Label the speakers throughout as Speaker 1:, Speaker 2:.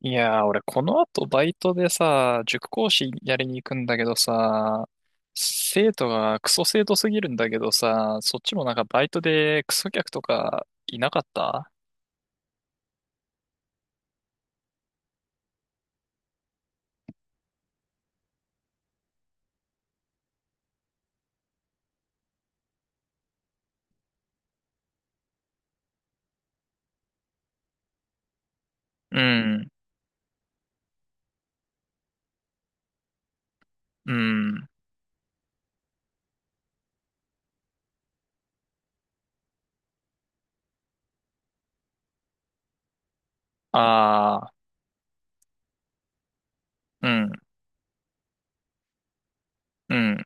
Speaker 1: いやー、俺この後バイトでさ、塾講師やりに行くんだけどさ、生徒がクソ生徒すぎるんだけどさ、そっちもなんかバイトでクソ客とかいなかった？うん、うん、あー、うん、うん、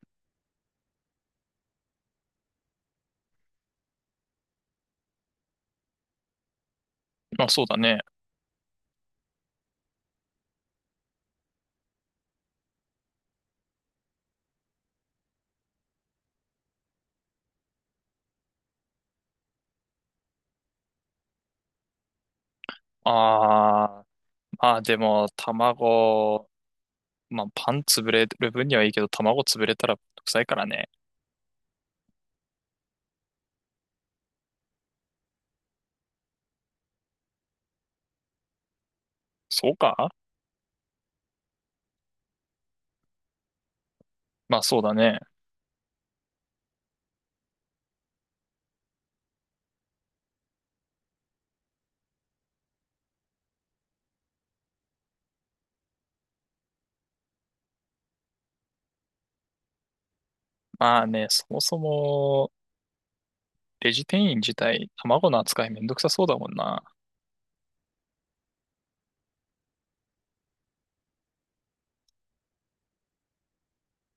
Speaker 1: まあそうだね。あー、まあでも卵、まあパン潰れる分にはいいけど卵潰れたら臭いからね。そうか。まあそうだね。まあね、そもそも、レジ店員自体、卵の扱いめんどくさそうだもんな。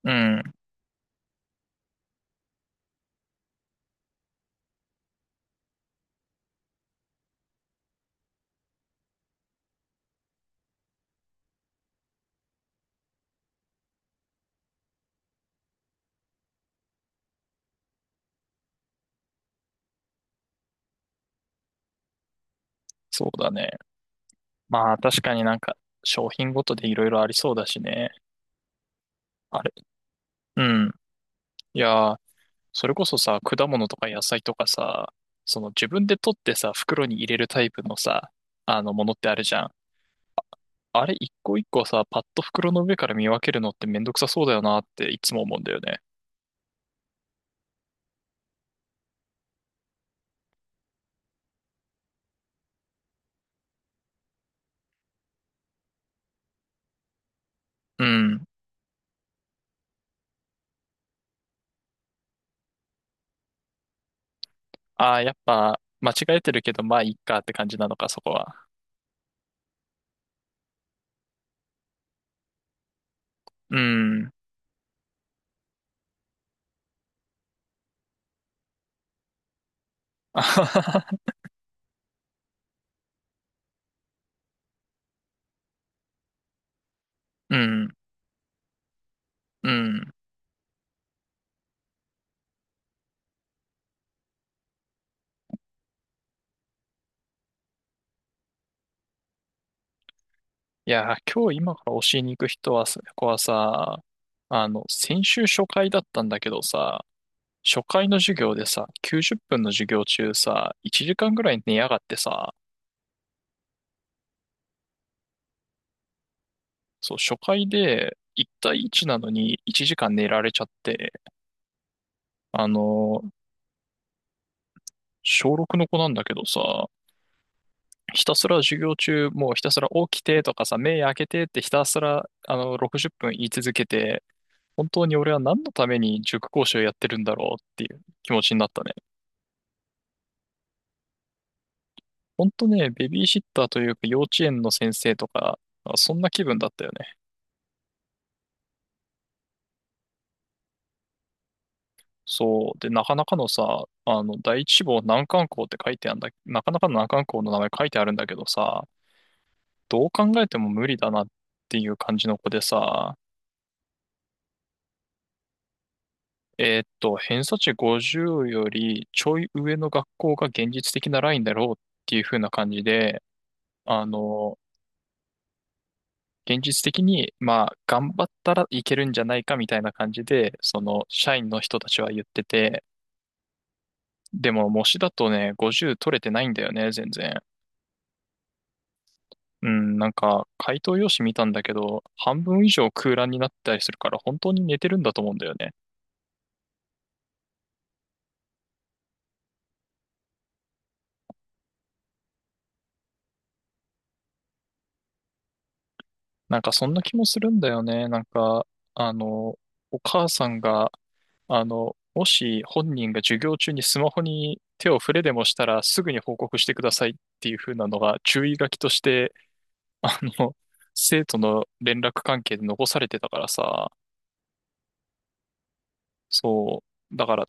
Speaker 1: うん、そうだね。まあ確かになんか商品ごとでいろいろありそうだしね。あれ、うん。いやー、それこそさ、果物とか野菜とかさ、その自分で取ってさ、袋に入れるタイプのさ、あのものってあるじゃん。あれ一個一個さ、パッと袋の上から見分けるのってめんどくさそうだよなっていつも思うんだよね。うん。ああ、やっぱ間違えてるけど、まあいいかって感じなのか、そこは。うん。うん。うん。いやー、今日今から教えに行く人はさ、子はさ、先週初回だったんだけどさ、初回の授業でさ、90分の授業中さ、1時間ぐらい寝やがってさ、そう、初回で1対1なのに1時間寝られちゃって、あの、小6の子なんだけどさ、ひたすら授業中、もうひたすら起きてとかさ、目開けてってひたすら、60分言い続けて、本当に俺は何のために塾講師をやってるんだろうっていう気持ちになったね。本当ね、ベビーシッターというか幼稚園の先生とか、あ、そんな気分だったよね。そう。で、なかなかのさ、第一志望難関校って書いてあるんだ、なかなかの難関校の名前書いてあるんだけどさ、どう考えても無理だなっていう感じの子でさ、偏差値50よりちょい上の学校が現実的なラインだろうっていう風な感じで、あの、現実的に、まあ、頑張ったらいけるんじゃないかみたいな感じで、その、社員の人たちは言ってて、でも、模試だとね、50取れてないんだよね、全然。うん、なんか、回答用紙見たんだけど、半分以上空欄になったりするから、本当に寝てるんだと思うんだよね。なんか、そんな気もするんだよね。なんか、あの、お母さんが、もし本人が授業中にスマホに手を触れでもしたらすぐに報告してくださいっていう風なのが注意書きとして あの、生徒の連絡関係で残されてたからさ、そう、だから、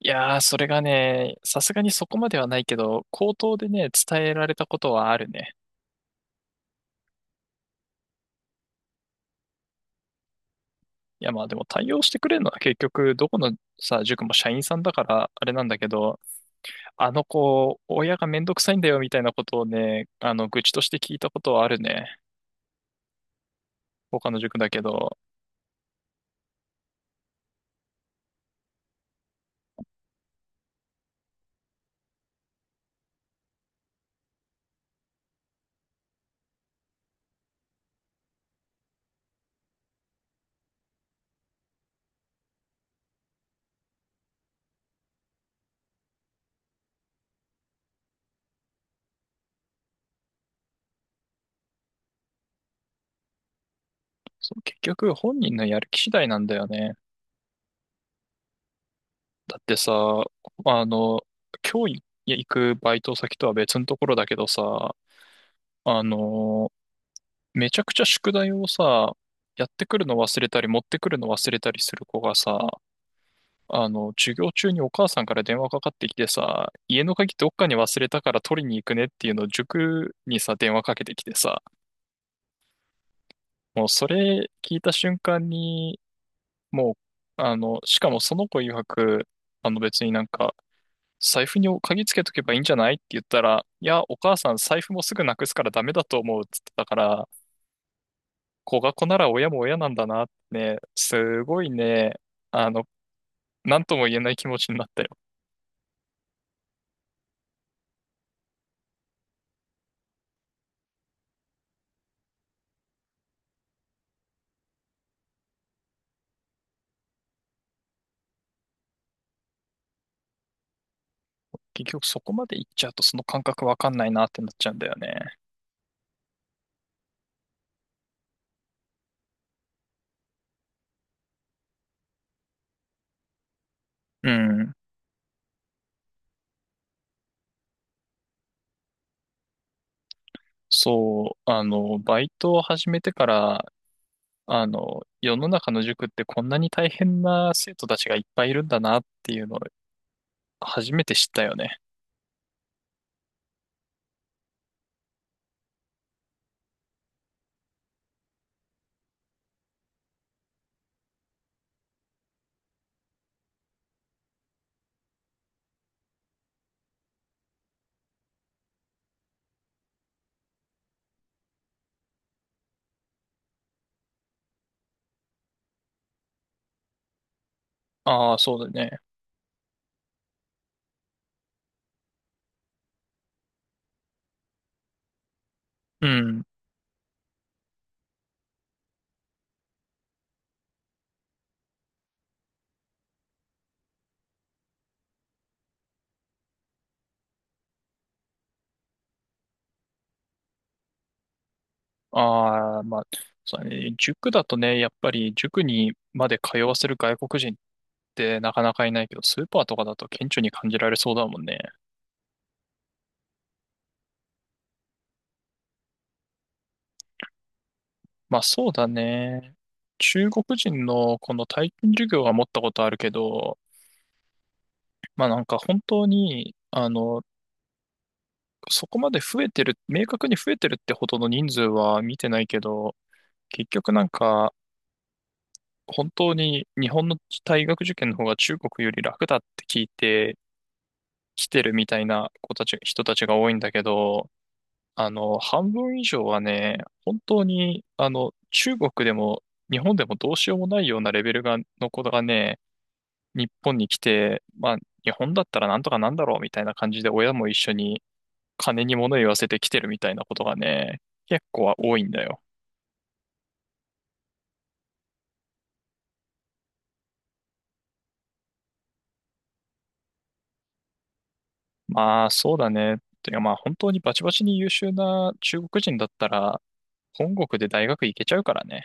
Speaker 1: いやー、それがね、さすがにそこまではないけど、口頭でね、伝えられたことはあるね。いや、まあでも対応してくれるのは結局、どこのさ、塾も社員さんだから、あれなんだけど、あの子、親がめんどくさいんだよ、みたいなことをね、愚痴として聞いたことはあるね。他の塾だけど、そう、結局、本人のやる気次第なんだよね。だってさ、あの、今日行くバイト先とは別のところだけどさ、あの、めちゃくちゃ宿題をさ、やってくるの忘れたり持ってくるの忘れたりする子がさ、授業中にお母さんから電話かかってきてさ、家の鍵どっかに忘れたから取りに行くねっていうのを塾にさ、電話かけてきてさ、もうそれ聞いた瞬間に、もう、しかもその子曰く、別になんか、財布に鍵つけとけばいいんじゃないって言ったら、いや、お母さん財布もすぐなくすからダメだと思うっつってたから、子が子なら親も親なんだなってね、すごいね、あの、なんとも言えない気持ちになったよ。結局そこまで行っちゃうとその感覚わかんないなってなっちゃうんだよね。うん。そう、バイトを始めてから、世の中の塾ってこんなに大変な生徒たちがいっぱいいるんだなっていうのを初めて知ったよね。ああ、そうだね。うん。ああ、まあ、そうだね。塾だとね、やっぱり塾にまで通わせる外国人ってなかなかいないけど、スーパーとかだと顕著に感じられそうだもんね。まあそうだね。中国人のこの体験授業は持ったことあるけど、まあなんか本当に、そこまで増えてる、明確に増えてるってほどの人数は見てないけど、結局なんか、本当に日本の大学受験の方が中国より楽だって聞いて、来てるみたいな子たち、人たちが多いんだけど、半分以上はね、本当に、中国でも日本でもどうしようもないようなレベルが、の子がね、日本に来て、まあ、日本だったらなんとかなんだろうみたいな感じで親も一緒に金に物言わせて来てるみたいなことがね、結構は多いんだよ。まあ、そうだね。てかまあ、本当にバチバチに優秀な中国人だったら、本国で大学行けちゃうからね。